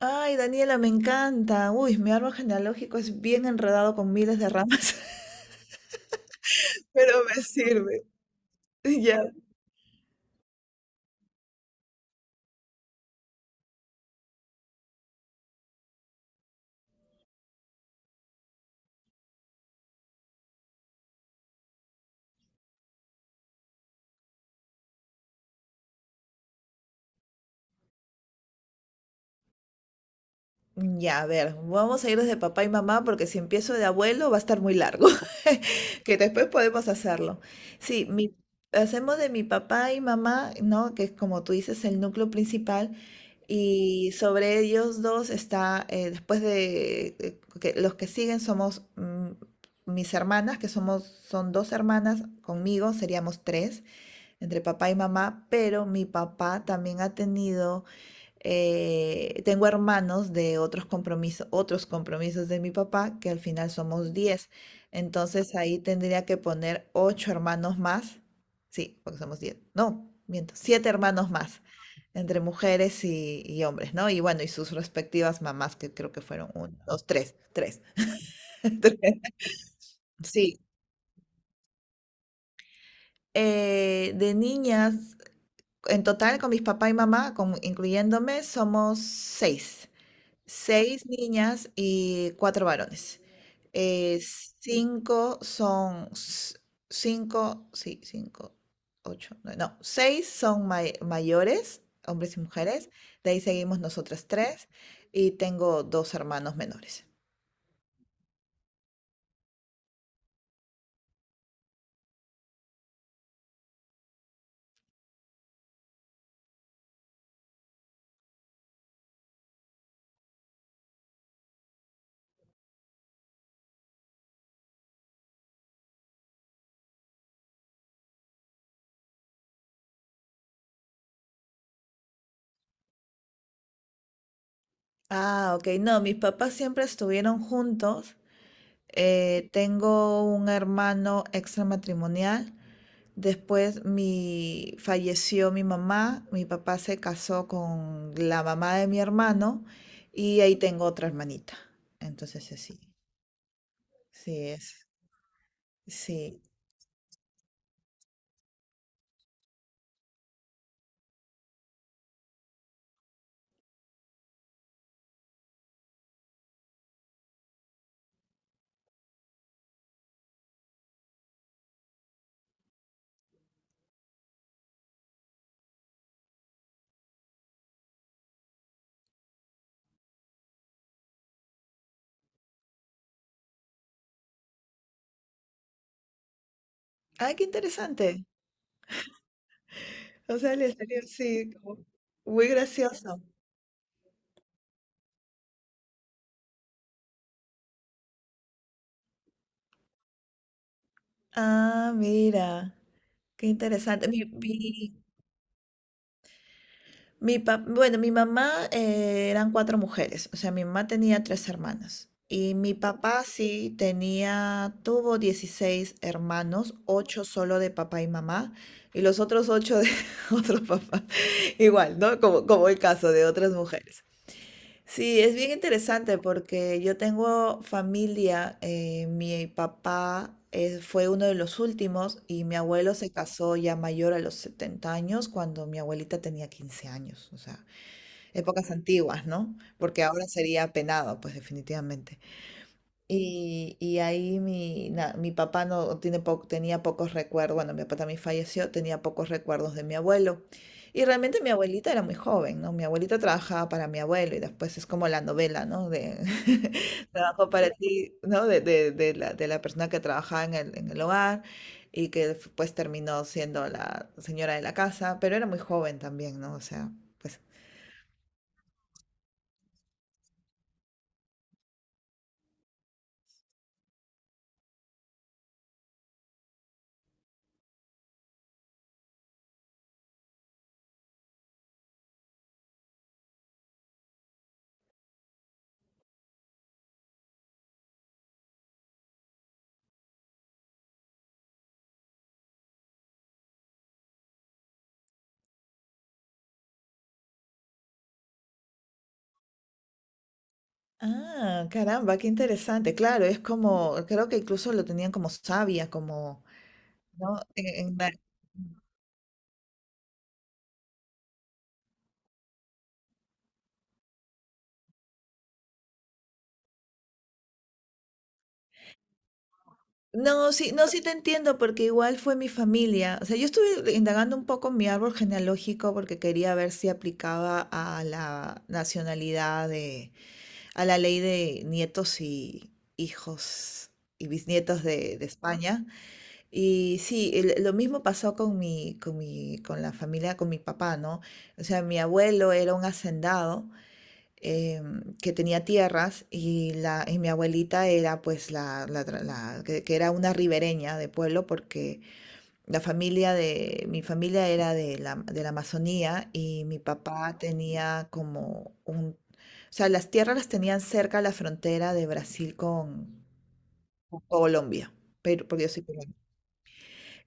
Ay, Daniela, me encanta. Uy, mi árbol genealógico es bien enredado con miles de ramas, pero me sirve. Ya. Ya, a ver, vamos a ir desde papá y mamá porque si empiezo de abuelo va a estar muy largo, que después podemos hacerlo. Sí, hacemos de mi papá y mamá, ¿no? Que es como tú dices, el núcleo principal. Y sobre ellos dos está, después de que los que siguen somos mis hermanas, que son dos hermanas, conmigo seríamos tres, entre papá y mamá, pero mi papá también ha tenido, tengo hermanos de otros compromisos de mi papá, que al final somos 10. Entonces ahí tendría que poner ocho hermanos más. Sí, porque somos 10. No, miento, siete hermanos más entre mujeres y hombres, ¿no? Y bueno, y sus respectivas mamás, que creo que fueron uno, dos, tres, tres. Tres. Sí, de niñas, en total con mis papá y mamá, incluyéndome, somos seis. Seis niñas y cuatro varones. Eh, cinco son, s- cinco, sí, cinco, ocho, nueve, no, seis son mayores, hombres y mujeres. De ahí seguimos nosotras tres y tengo dos hermanos menores. Ah, ok, no, mis papás siempre estuvieron juntos. Tengo un hermano extramatrimonial. Después falleció mi mamá, mi papá se casó con la mamá de mi hermano y ahí tengo otra hermanita. Entonces así, sí, sí es, sí. ¡Ay, qué interesante! O sea, le salió, sí, como muy gracioso. Ah, mira, qué interesante. Bueno, mi mamá, eran cuatro mujeres, o sea, mi mamá tenía tres hermanas y mi papá sí tenía, tuvo 16 hermanos, ocho solo de papá y mamá y los otros ocho de otro papá, igual, ¿no? Como el caso de otras mujeres. Sí, es bien interesante porque yo tengo familia, mi papá fue uno de los últimos y mi abuelo se casó ya mayor a los 70 años cuando mi abuelita tenía 15 años, o sea, épocas antiguas, ¿no? Porque ahora sería penado, pues definitivamente. Y ahí, mi papá no tiene po- tenía pocos recuerdos, bueno, mi papá también falleció, tenía pocos recuerdos de mi abuelo. Y realmente mi abuelita era muy joven, ¿no? Mi abuelita trabajaba para mi abuelo y después es como la novela, ¿no? De trabajo para ti, ¿no? De la persona que trabajaba en el hogar y que después terminó siendo la señora de la casa, pero era muy joven también, ¿no? O sea, pues. Ah, caramba, qué interesante. Claro, es como, creo que incluso lo tenían como savia, como, ¿no? No, sí, no, sí te entiendo, porque igual fue mi familia. O sea, yo estuve indagando un poco en mi árbol genealógico porque quería ver si aplicaba a la nacionalidad de, a la ley de nietos y hijos y bisnietos de España. Y sí, lo mismo pasó con con la familia, con mi papá, ¿no? O sea, mi abuelo era un hacendado, que tenía tierras, y mi abuelita era pues la que era una ribereña de pueblo porque mi familia era de la Amazonía y mi papá tenía como un, o sea, las tierras las tenían cerca a la frontera de Brasil con Colombia, pero, porque yo soy,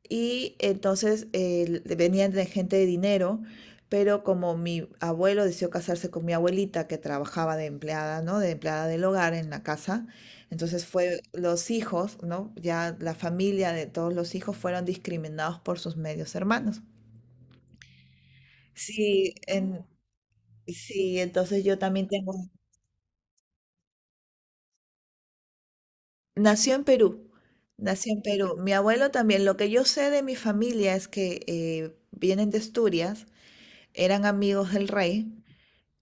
y entonces venían de gente de dinero, pero como mi abuelo decidió casarse con mi abuelita, que trabajaba de empleada, ¿no? De empleada del hogar en la casa, entonces fue los hijos, ¿no? Ya la familia de todos los hijos fueron discriminados por sus medios hermanos. Sí, sí, entonces yo también tengo... Nació en Perú, nació en Perú. Mi abuelo también. Lo que yo sé de mi familia es que vienen de Asturias, eran amigos del rey,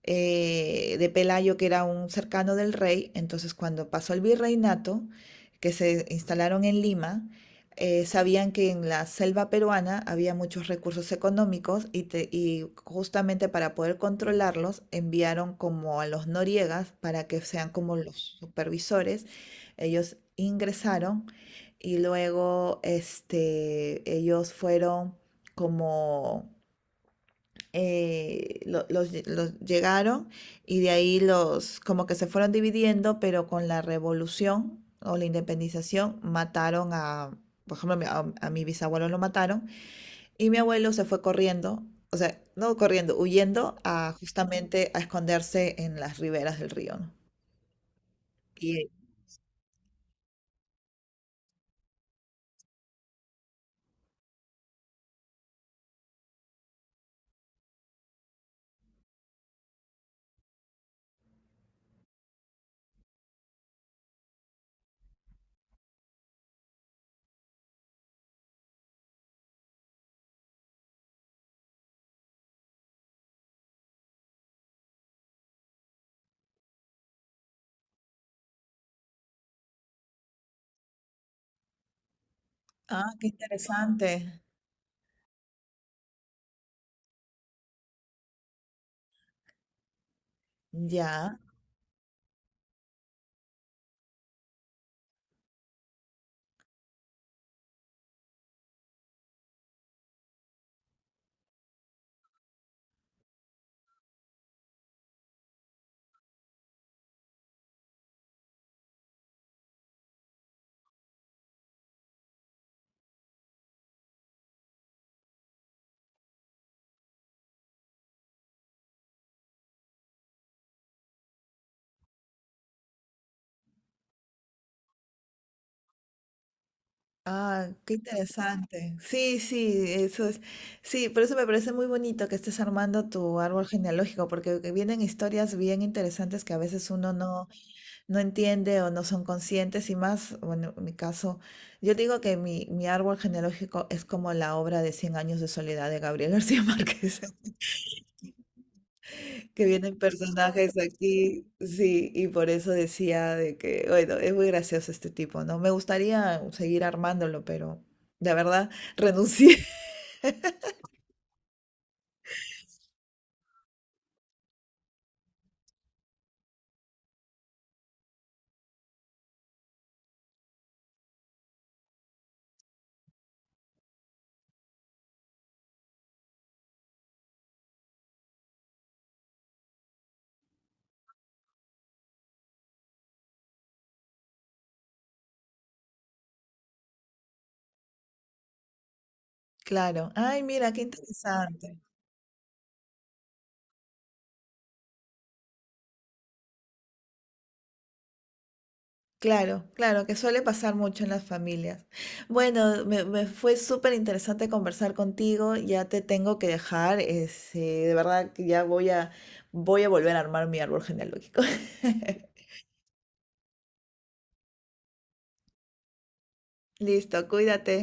de Pelayo, que era un cercano del rey. Entonces, cuando pasó el virreinato, que se instalaron en Lima, sabían que en la selva peruana había muchos recursos económicos y justamente para poder controlarlos enviaron como a los noriegas para que sean como los supervisores. Ellos ingresaron y luego ellos fueron como, los llegaron y de ahí los, como que se fueron dividiendo, pero con la revolución o la independización mataron a, por ejemplo, a mi bisabuelo lo mataron y mi abuelo se fue corriendo, o sea, no corriendo, huyendo a, justamente, a esconderse en las riberas del río, ¿no? Y, ah, qué interesante. Ya. Ah, qué interesante. Sí, sí, eso es. Sí, por eso me parece muy bonito que estés armando tu árbol genealógico, porque que vienen historias bien interesantes que a veces uno no entiende o no son conscientes y más, bueno, en mi caso, yo digo que mi árbol genealógico es como la obra de Cien años de soledad de Gabriel García Márquez, que vienen personajes aquí, sí, y por eso decía de que, bueno, es muy gracioso este tipo, ¿no? Me gustaría seguir armándolo, pero la verdad renuncié. Claro, ay, mira, qué interesante. Claro, claro, que suele pasar mucho en las familias. Bueno, me fue súper interesante conversar contigo, ya te tengo que dejar, de verdad que ya voy a volver a armar mi árbol genealógico. Listo, cuídate.